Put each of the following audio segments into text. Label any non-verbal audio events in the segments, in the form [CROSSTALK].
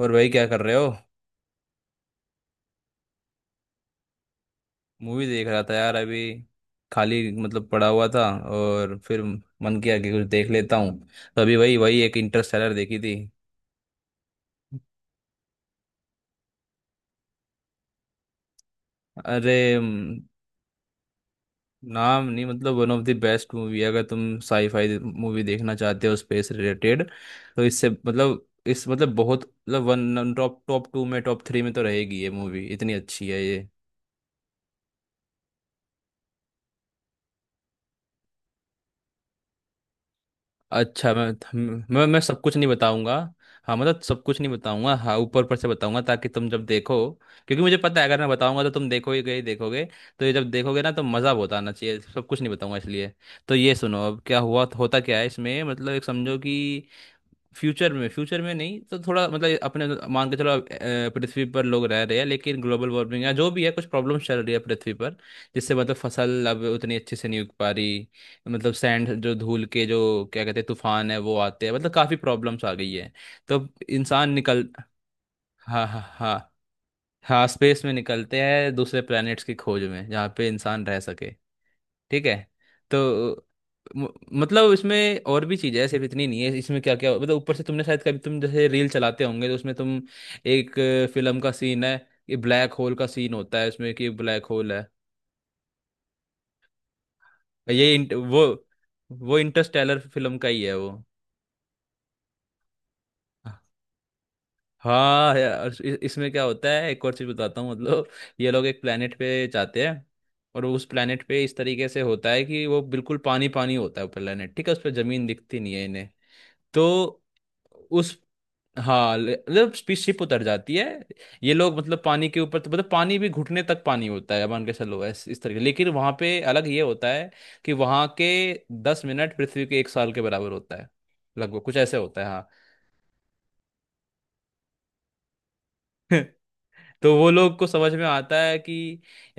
और भाई क्या कर रहे हो? मूवी देख रहा था यार, अभी खाली, मतलब पड़ा हुआ था। और फिर मन किया कि कुछ देख लेता हूँ। तो अभी वही वही एक इंटरस्टेलर देखी थी। अरे, नाम नहीं मतलब one of the best movie अगर तुम साईफाई मूवी देखना चाहते हो, स्पेस रिलेटेड। तो इससे मतलब इस मतलब बहुत मतलब वन टॉप, टॉप टू में, टॉप थ्री में तो रहेगी ये मूवी, इतनी अच्छी है ये। अच्छा, मैं हम- मैं सब कुछ नहीं बताऊंगा। हाँ मतलब सब कुछ नहीं बताऊंगा, हाँ ऊपर ऊपर से बताऊंगा ताकि तुम जब देखो, क्योंकि मुझे पता है अगर मैं बताऊंगा तो तुम देखो ही गए, देखोगे। तो ये जब देखोगे ना तो मज़ा बहुत आना चाहिए, सब कुछ नहीं बताऊंगा इसलिए। तो ये सुनो, अब क्या हुआ, होता क्या है इसमें, मतलब एक समझो कि फ्यूचर में नहीं तो थोड़ा मतलब अपने मान के चलो, पृथ्वी पर लोग रह रहे हैं, लेकिन ग्लोबल वार्मिंग या जो भी है कुछ प्रॉब्लम चल रही है पृथ्वी पर, जिससे मतलब फसल अब उतनी अच्छे से नहीं उग पा रही। मतलब सैंड, जो धूल के जो क्या कहते हैं तूफान है, वो आते हैं, मतलब काफ़ी प्रॉब्लम्स आ गई है। तो इंसान निकल... हाँ, हाँ, हाँ। हाँ स्पेस में निकलते हैं दूसरे प्लैनेट्स की खोज में, जहाँ पे इंसान रह सके। ठीक है। तो म- मतलब इसमें और भी चीजें हैं, सिर्फ इतनी नहीं है इसमें, क्या क्या मतलब। ऊपर से तुमने शायद कभी, तुम जैसे रील चलाते होंगे तो उसमें तुम एक फिल्म का सीन है कि ब्लैक होल का सीन होता है उसमें, कि ब्लैक होल है। ये इंट, वो इंटरस्टेलर फिल्म का ही है वो। हाँ यार, इसमें क्या होता है, एक और चीज बताता हूँ मतलब, ये लोग एक planet पे जाते हैं, और उस planet पे इस तरीके से होता है कि वो बिल्कुल पानी पानी होता है वो planet, ठीक है। उस पर जमीन दिखती नहीं है इन्हें। तो उस... हाँ मतलब शिप उतर जाती है। ये लोग मतलब पानी के ऊपर, तो मतलब पानी भी घुटने तक पानी होता है मान के चलो, इस तरीके, लेकिन वहां पे अलग ये होता है कि वहां के 10 मिनट पृथ्वी के एक साल के बराबर होता है। लगभग कुछ ऐसे होता है, हाँ। [LAUGHS] तो वो लोग को समझ में आता है कि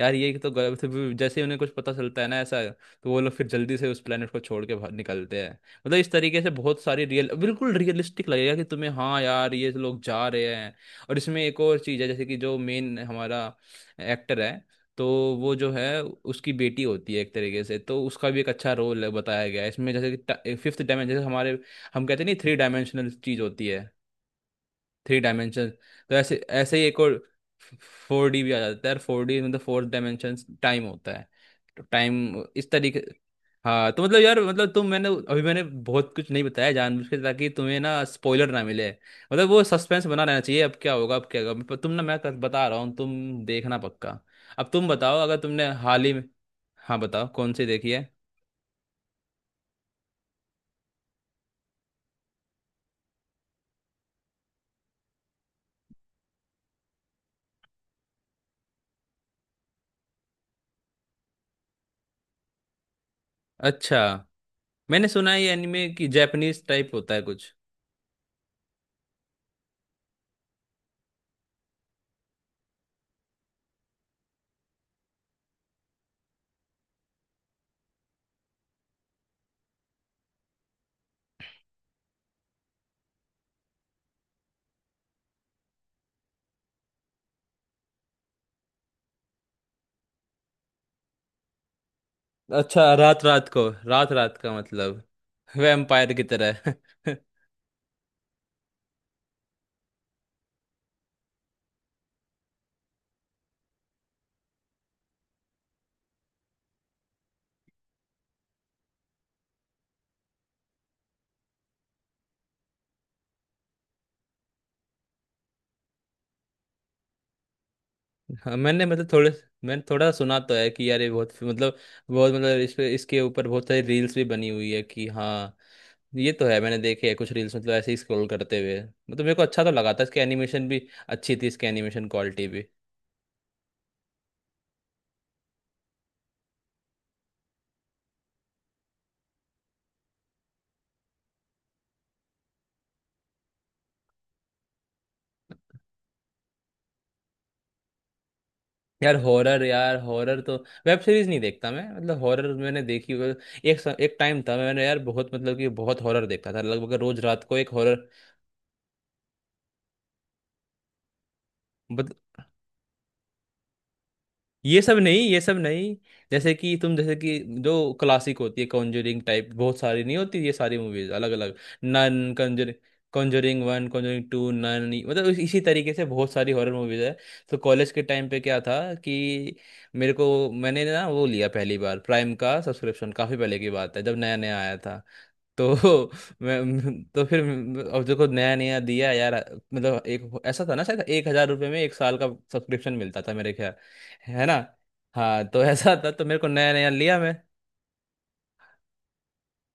यार ये तो गलत है। जैसे ही उन्हें कुछ पता चलता है ना ऐसा, तो वो लोग फिर जल्दी से उस प्लेनेट को छोड़ के बाहर निकलते हैं। मतलब इस तरीके से बहुत सारी रियल, बिल्कुल रियलिस्टिक लगेगा कि तुम्हें, हाँ यार ये लोग जा रहे हैं। और इसमें एक और चीज़ है, जैसे कि जो मेन हमारा एक्टर है, तो वो जो है उसकी बेटी होती है एक तरीके से, तो उसका भी एक अच्छा रोल है बताया गया है इसमें। जैसे कि फिफ्थ डायमेंशन, जैसे हमारे, हम कहते हैं नहीं, थ्री डायमेंशनल चीज़ होती है। थ्री डायमेंशन, तो ऐसे ऐसे ही एक और, फोर डी भी आ जाता है यार। फोर डी मतलब फोर्थ डायमेंशन, टाइम होता है। तो टाइम इस तरीके... हाँ तो मतलब यार, मतलब तुम, मैंने अभी मैंने बहुत कुछ नहीं बताया जानबूझ के, ताकि तुम्हें ना स्पॉइलर ना मिले, मतलब वो सस्पेंस बना रहना चाहिए, अब क्या होगा, अब क्या होगा, पर तुम ना, मैं बता रहा हूँ, तुम देखना पक्का। अब तुम बताओ अगर तुमने हाल ही में... हाँ बताओ कौन सी देखी है। अच्छा, मैंने सुना है ये एनिमे की जापानीज टाइप होता है कुछ। अच्छा, रात रात को, रात रात का मतलब वैम्पायर की तरह। [LAUGHS] हाँ, मैंने मतलब थोड़े, मैंने थोड़ा सुना तो है कि यार ये बहुत मतलब, बहुत मतलब इस पे इसके ऊपर बहुत सारी रील्स भी बनी हुई है, कि हाँ। ये तो है, मैंने देखे है कुछ रील्स, मतलब ऐसे ही स्क्रॉल करते हुए, मतलब मेरे को अच्छा तो लगा था, इसकी एनिमेशन भी अच्छी थी, इसकी एनिमेशन क्वालिटी भी। यार हॉरर, यार हॉरर तो, वेब सीरीज नहीं देखता मैं, मतलब हॉरर मैंने देखी हुई। एक एक टाइम था, मैंने यार बहुत मतलब कि बहुत हॉरर देखता था लगभग रोज रात को एक हॉरर। ये सब नहीं, ये सब नहीं, जैसे कि तुम, जैसे कि जो क्लासिक होती है कॉन्जरिंग टाइप, बहुत सारी, नहीं होती ये सारी मूवीज अलग अलग। Nun, Conjuring, Conjuring one, Conjuring two, Nun, मतलब इसी तरीके से बहुत सारी हॉरर मूवीज है। तो कॉलेज के टाइम पे क्या था कि मेरे को, मैंने ना वो लिया पहली बार प्राइम का सब्सक्रिप्शन, काफ़ी पहले की बात है जब नया नया आया था। तो [LAUGHS] मैं तो फिर, अब देखो नया नया दिया यार, मतलब एक ऐसा था ना शायद 1,000 रुपये में एक साल का सब्सक्रिप्शन मिलता था मेरे ख्याल, है ना। हाँ तो ऐसा था, तो मेरे को नया नया लिया मैं।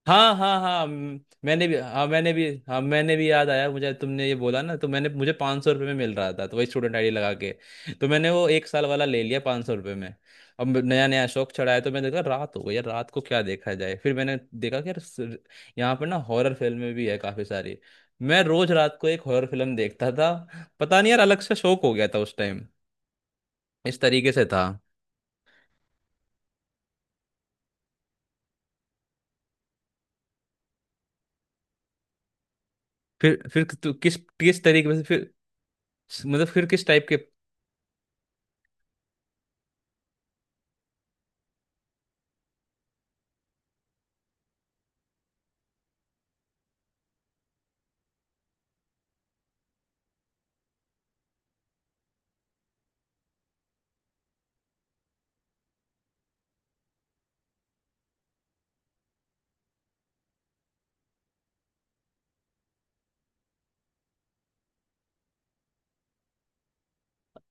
हाँ, हाँ, हाँ, मैंने भी, हाँ मैंने भी, हाँ मैंने भी याद आया मुझे, तुमने ये बोला ना, तो मैंने, मुझे 500 रुपये में मिल रहा था, तो वही स्टूडेंट आईडी लगा के तो मैंने वो एक साल वाला ले लिया 500 रुपये में। अब नया नया शौक चढ़ा है, तो मैंने देखा रात हो गई यार, रात को क्या देखा जाए। फिर मैंने देखा कि यार यहाँ पर ना हॉरर फिल्में भी है काफ़ी सारी। मैं रोज रात को एक हॉरर फिल्म देखता था। पता नहीं यार, अलग से शौक हो गया था उस टाइम, इस तरीके से था। फिर किस, किस तरीके से फिर, मतलब फिर किस टाइप के?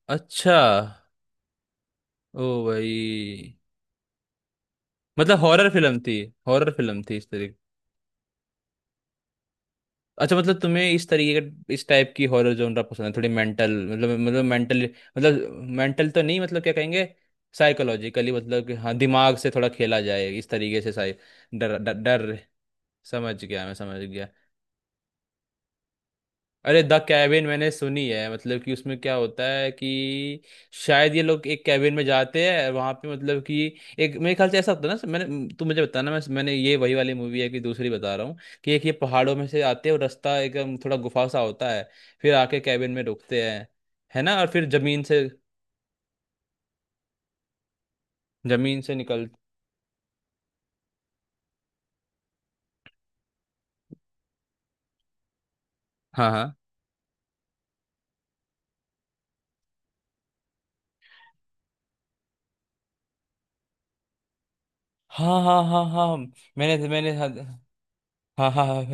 अच्छा, ओ भाई, मतलब हॉरर फिल्म थी। हॉरर फिल्म थी इस तरीके। अच्छा मतलब तुम्हें इस तरीके का, इस टाइप की हॉरर जोनरा पसंद है, थोड़ी मेंटल, मतलब मतलब मेंटल, मतलब मेंटल तो नहीं, मतलब क्या कहेंगे, साइकोलॉजिकली मतलब कि हाँ दिमाग से थोड़ा खेला जाए इस तरीके से। साइ डर, डर, डर। समझ गया मैं, समझ गया। अरे द कैबिन मैंने सुनी है, मतलब कि उसमें क्या होता है कि शायद ये लोग एक कैबिन में जाते हैं वहां पे, मतलब कि एक मेरे ख्याल से ऐसा होता है ना, मैंने तू मुझे बताना, मैंने ये वही वाली मूवी है कि दूसरी बता रहा हूँ, कि एक ये पहाड़ों में से आते हैं और रास्ता एकदम थोड़ा गुफा सा होता है, फिर आके कैबिन में रुकते हैं, है ना। और फिर जमीन से, जमीन से निकल... हाँ, हाँ, हाँ, हाँ, हाँ, हाँ, मैंने मैंने, हाँ, हाँ, हाँ, हाँ,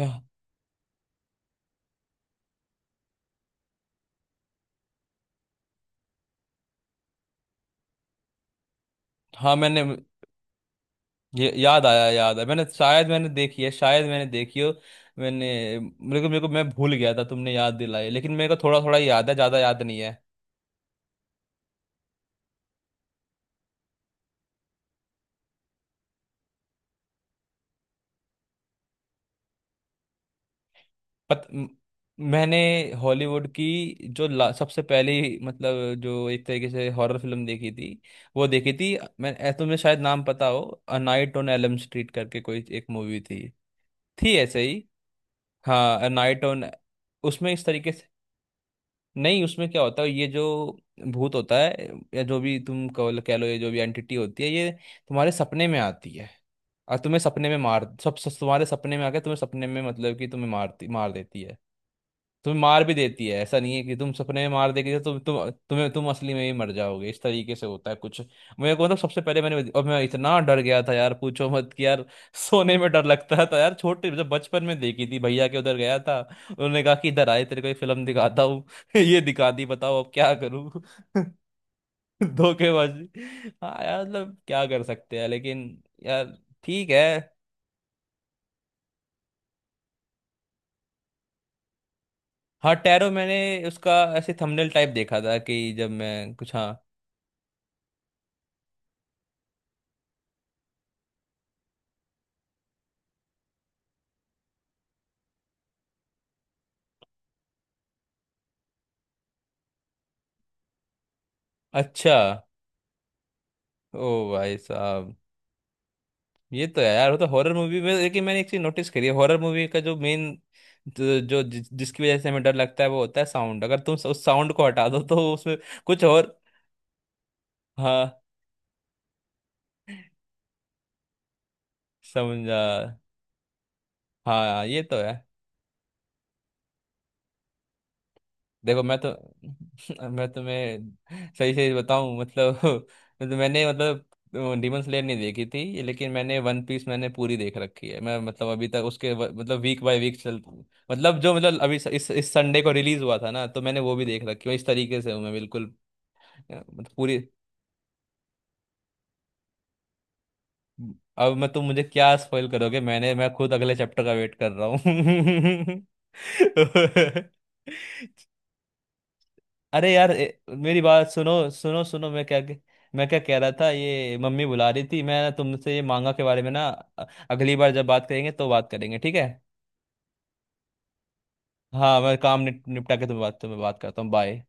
हाँ, मैंने ये याद आया, याद आया। मैंने शायद मैंने देखी है, शायद मैंने देखी हो। मैंने... मेरे को मैं भूल गया था, तुमने याद दिलाई, लेकिन मेरे को थोड़ा थोड़ा याद है, ज़्यादा याद नहीं है। पत म- मैंने हॉलीवुड की, जो सबसे पहली मतलब जो एक तरीके से हॉरर फिल्म देखी थी वो देखी थी मैं। तुम्हें शायद नाम पता हो, a night on Elm Street करके कोई एक मूवी थी ऐसे ही। हाँ, अ नाइट ऑन, उसमें इस तरीके से, नहीं, उसमें क्या होता है, ये जो भूत होता है, या जो भी तुम कह लो, ये जो भी एंटिटी होती है, ये तुम्हारे सपने में आती है, और तुम्हें सपने में मार, सब सब तुम्हारे सपने में आके तुम्हें सपने में, मतलब कि तुम्हें मारती, मार देती है। तुम्हें मार भी देती है, ऐसा नहीं है कि तुम सपने में मार देगी तो तुम, तुम असली में भी मर जाओगे, इस तरीके से होता है कुछ। मेरे को मतलब सबसे पहले मैंने, और मैं इतना डर गया था यार, पूछो मत, कि यार सोने में डर लगता था यार, छोटे, जब बचपन में देखी थी भैया के उधर गया था, उन्होंने कहा कि इधर आए तेरे को एक फिल्म दिखाता, ये दिखा दी, बताओ अब क्या करूं। [LAUGHS] धोखेबाजी। हाँ यार मतलब क्या कर सकते हैं, लेकिन यार। ठीक है। हाँ, टैरो, मैंने उसका ऐसे थंबनेल टाइप देखा था कि जब मैं कुछ, हाँ। अच्छा, ओ भाई साहब। ये तो है यार, वो तो हॉरर मूवी में, लेकिन मैंने एक चीज नोटिस करी है हॉरर मूवी का, जो मेन जो, जो जिस, जिसकी वजह से हमें डर लगता है, वो होता है साउंड। अगर तुम उस साउंड को हटा दो तो उसमें कुछ और... हाँ, समझा, हाँ, ये तो है। देखो, मैं तो [LAUGHS] मैं तुम्हें सही सही बताऊं मतलब, [LAUGHS] तो मैंने मतलब डीमन स्लेयर नहीं देखी थी, लेकिन मैंने वन पीस मैंने पूरी देख रखी है, मैं मतलब अभी तक उसके मतलब वीक बाय वीक चल, मतलब जो, मतलब अभी इस संडे को रिलीज हुआ था ना, तो मैंने वो भी देख रखी है, इस तरीके से हूँ मैं बिल्कुल। मतलब पूरी, अब मैं तुम, मुझे क्या स्पॉइल करोगे, मैं खुद अगले चैप्टर का वेट कर रहा हूँ। [LAUGHS] अरे यार, मेरी बात सुनो, सुनो, सुनो। मैं क्या कह रहा था, ये मम्मी बुला रही थी, मैं तुमसे ये मांगा के बारे में ना, अगली बार जब बात करेंगे तो बात करेंगे, ठीक है। हाँ, मैं काम निपटा के तुम्हें, बात करता हूँ। बाय।